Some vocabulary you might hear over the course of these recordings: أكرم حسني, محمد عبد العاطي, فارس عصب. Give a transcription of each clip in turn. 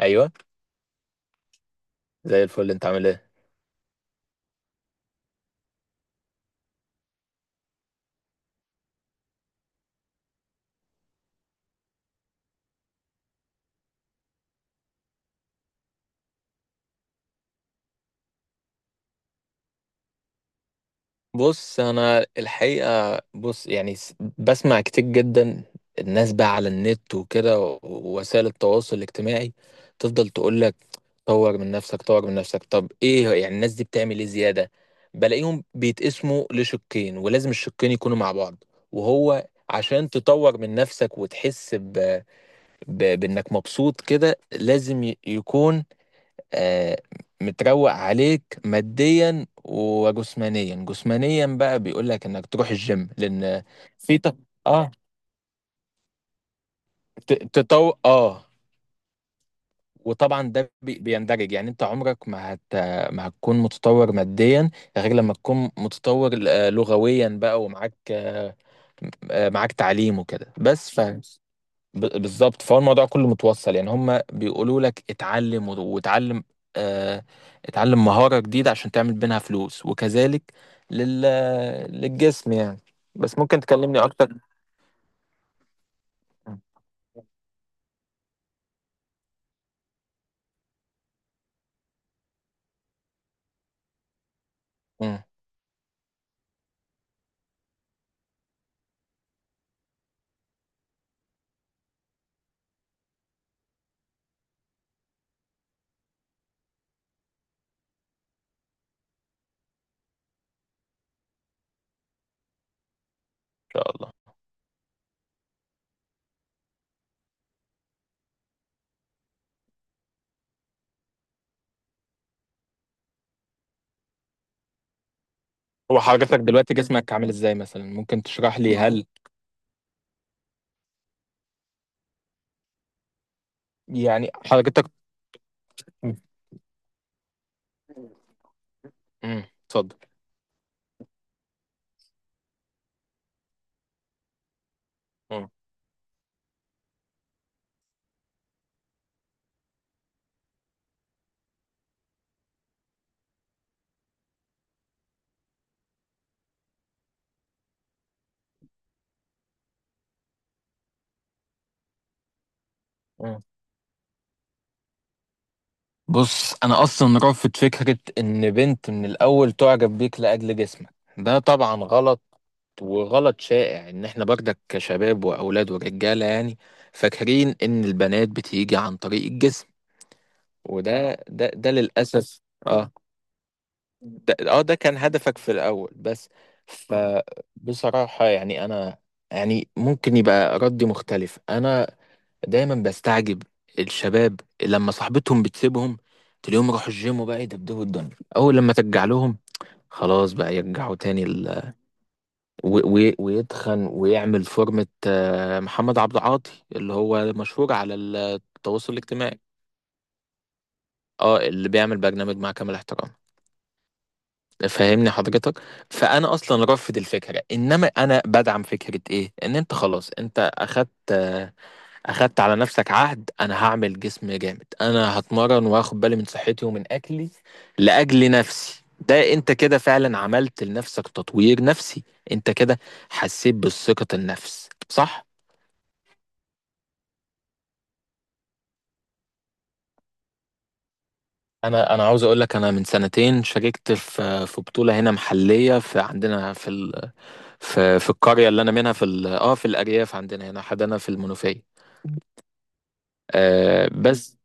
ايوه، زي الفل. انت عامل ايه؟ بص، انا الحقيقه، بسمع كتير جدا الناس بقى على النت وكده ووسائل التواصل الاجتماعي. تفضل تقول لك طور من نفسك طور من نفسك. طب ايه يعني الناس دي بتعمل ايه زياده؟ بلاقيهم بيتقسموا لشقين، ولازم الشقين يكونوا مع بعض. وهو عشان تطور من نفسك وتحس بانك مبسوط كده لازم يكون آه، متروق عليك ماديا وجسمانيا. جسمانيا بقى بيقول لك انك تروح الجيم، لان في اه تطور. اه وطبعا ده بيندرج يعني. انت عمرك ما هتكون متطور ماديا غير لما تكون متطور لغويا بقى، ومعاك معاك تعليم وكده. بس بالظبط، فهو الموضوع كله متوصل. يعني هم بيقولوا لك اتعلم واتعلم، آه اتعلم مهارة جديدة عشان تعمل منها فلوس، وكذلك لل للجسم يعني. بس ممكن تكلمني اكتر؟ مم. ان شاء الله. هو حضرتك دلوقتي جسمك عامل ازاي مثلا؟ ممكن تشرح لي؟ هل يعني حضرتك. مم، اتفضل. مم، مم. بص، انا اصلا رافض فكرة ان بنت من الاول تعجب بيك لاجل جسمك. ده طبعا غلط، وغلط شائع ان احنا برضك كشباب واولاد ورجاله يعني فاكرين ان البنات بتيجي عن طريق الجسم. وده ده ده للاسف. اه، ده كان هدفك في الاول بس. فبصراحه يعني انا، يعني ممكن يبقى ردي مختلف. انا دايما بستعجب الشباب لما صاحبتهم بتسيبهم تلاقيهم راحوا الجيم وبقى يدبدبوا الدنيا. اول لما ترجع لهم خلاص بقى يرجعوا تاني، ويتخن ويعمل فورمة محمد عبد العاطي اللي هو مشهور على التواصل الاجتماعي. اه، اللي بيعمل برنامج مع كامل احترام. فاهمني حضرتك؟ فانا اصلا رافض الفكره، انما انا بدعم فكره ايه؟ ان انت خلاص انت اخدت اخدت على نفسك عهد: انا هعمل جسم جامد، انا هتمرن واخد بالي من صحتي ومن اكلي لاجل نفسي. ده انت كده فعلا عملت لنفسك تطوير نفسي. انت كده حسيت بالثقه النفس، صح؟ انا عاوز اقول لك، انا من سنتين شاركت في بطوله هنا محليه في عندنا في ال... في القريه اللي انا منها في ال... في الارياف عندنا هنا حدانا في المنوفيه. آه بس.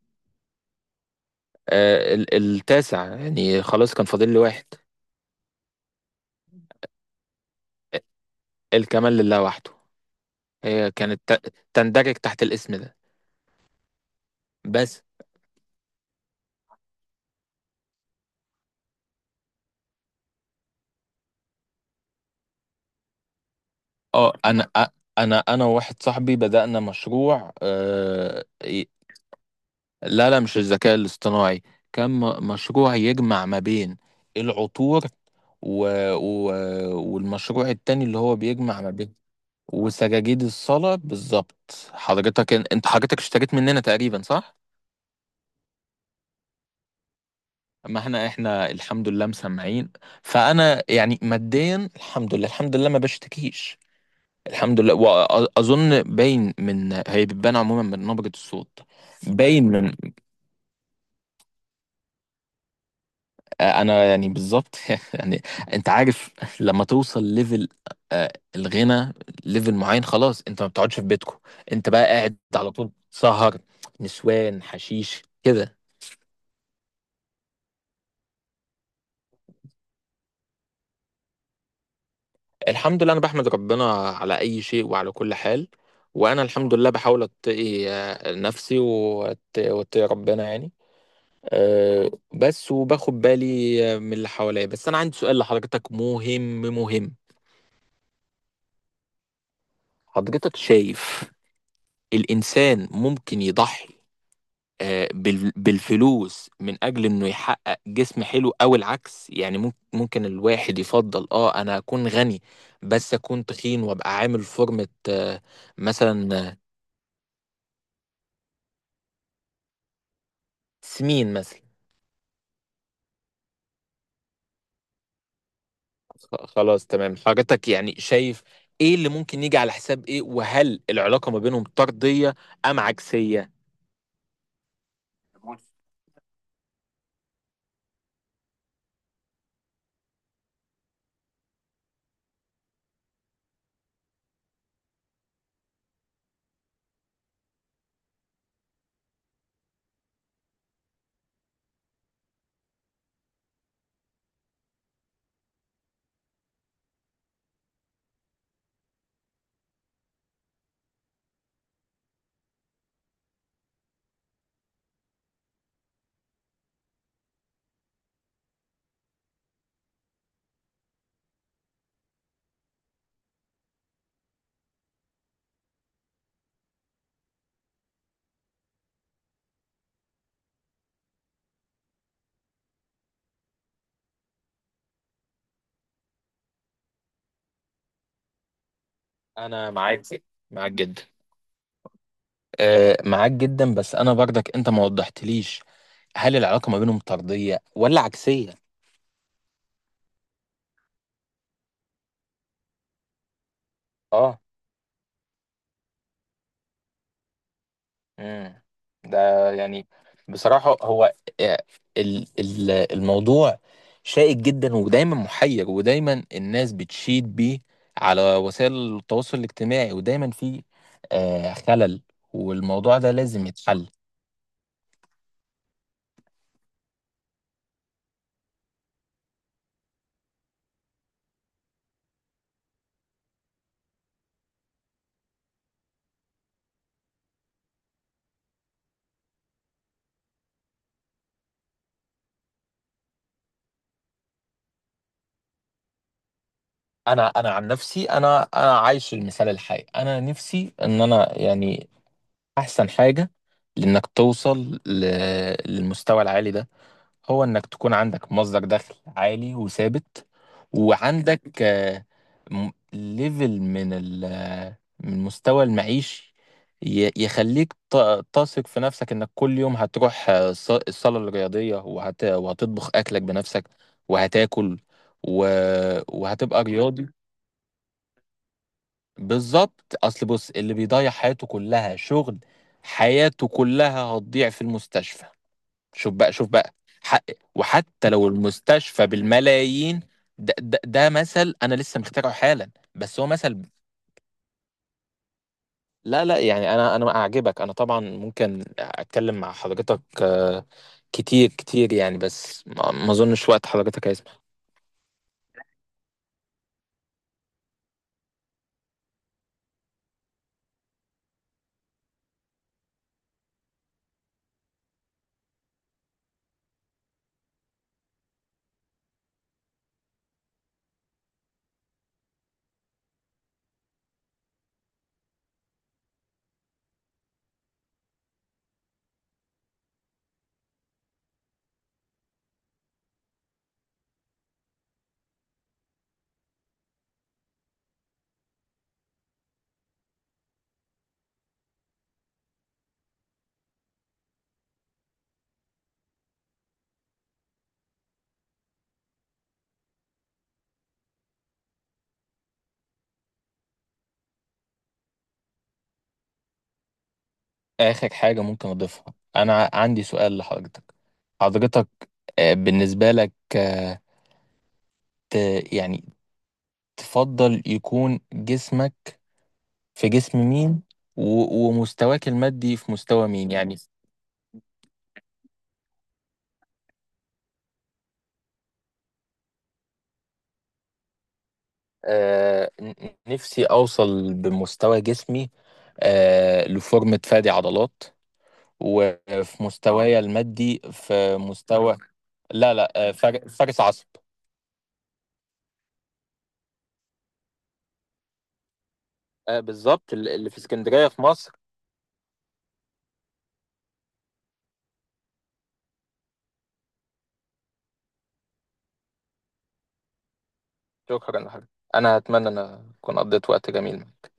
آه ال... التاسع يعني، خلاص كان فاضل لي واحد. الكمال لله وحده. هي كانت تندرج تحت الاسم ده بس. اه، انا أ- انا انا وواحد صاحبي بدأنا مشروع آه. لا لا، مش الذكاء الاصطناعي. كان مشروع يجمع ما بين العطور، و... و... والمشروع التاني اللي هو بيجمع ما بين وسجاجيد الصلاة. بالظبط. حضرتك انت، حضرتك اشتريت مننا تقريبا، صح؟ ما احنا الحمد لله مسمعين. فانا يعني ماديا الحمد لله، الحمد لله ما بشتكيش. الحمد لله، واظن باين من، هي بتبان عموما من نبرة الصوت. باين من، انا يعني بالظبط يعني. انت عارف لما توصل ليفل الغنى، ليفل معين، خلاص انت ما بتقعدش في بيتكم. انت بقى قاعد على طول سهر، نسوان، حشيش كده. الحمد لله، انا بحمد ربنا على اي شيء وعلى كل حال. وانا الحمد لله بحاول اتقي نفسي، واتقي ربنا يعني. بس وباخد بالي من اللي حواليا. بس انا عندي سؤال لحضرتك، مهم مهم. حضرتك شايف الإنسان ممكن يضحي بالفلوس من اجل انه يحقق جسم حلو، او العكس؟ يعني ممكن الواحد يفضل، اه، انا اكون غني بس اكون تخين وابقى عامل فورمة مثلا، سمين مثلا. خلاص تمام. حضرتك يعني شايف ايه اللي ممكن يجي على حساب ايه، وهل العلاقة ما بينهم طردية ام عكسية؟ انا معاك، معاك جدا. معاك جدا، بس انا برضك انت ما وضحتليش، هل العلاقة ما بينهم طردية ولا عكسية؟ اه. امم. ده يعني، بصراحة هو آه، الموضوع شائك جدا، ودايما محير، ودايما الناس بتشيد بيه على وسائل التواصل الاجتماعي، ودايما في خلل، والموضوع ده لازم يتحل. انا عن نفسي، انا عايش المثال الحي. انا نفسي ان انا يعني احسن حاجة لانك توصل للمستوى العالي ده، هو انك تكون عندك مصدر دخل عالي وثابت، وعندك ليفل من من مستوى المعيشي يخليك تثق في نفسك انك كل يوم هتروح الصالة الرياضية، وهتطبخ اكلك بنفسك، وهتاكل، و... وهتبقى رياضي. بالظبط. اصل بص، اللي بيضيع حياته كلها شغل، حياته كلها هتضيع في المستشفى. شوف بقى، شوف بقى، حق. وحتى لو المستشفى بالملايين. ده مثل انا لسه مخترعه حالا، بس هو مثل. لا لا، يعني انا اعجبك. انا طبعا ممكن اتكلم مع حضرتك كتير كتير يعني، بس ما اظنش وقت حضرتك هيسمح. اخر حاجة ممكن اضيفها: انا عندي سؤال لحضرتك. حضرتك بالنسبة لك، يعني، تفضل يكون جسمك في جسم مين، ومستواك المادي في مستوى مين يعني؟ آه، نفسي اوصل بمستوى جسمي آه لفورمة فادي عضلات، وفي مستواي المادي في مستوى، لا لا، آه فارس عصب. آه بالظبط، اللي في اسكندرية في مصر. شكرا يا حبيبي. انا اتمنى ان اكون قضيت وقت جميل معاك.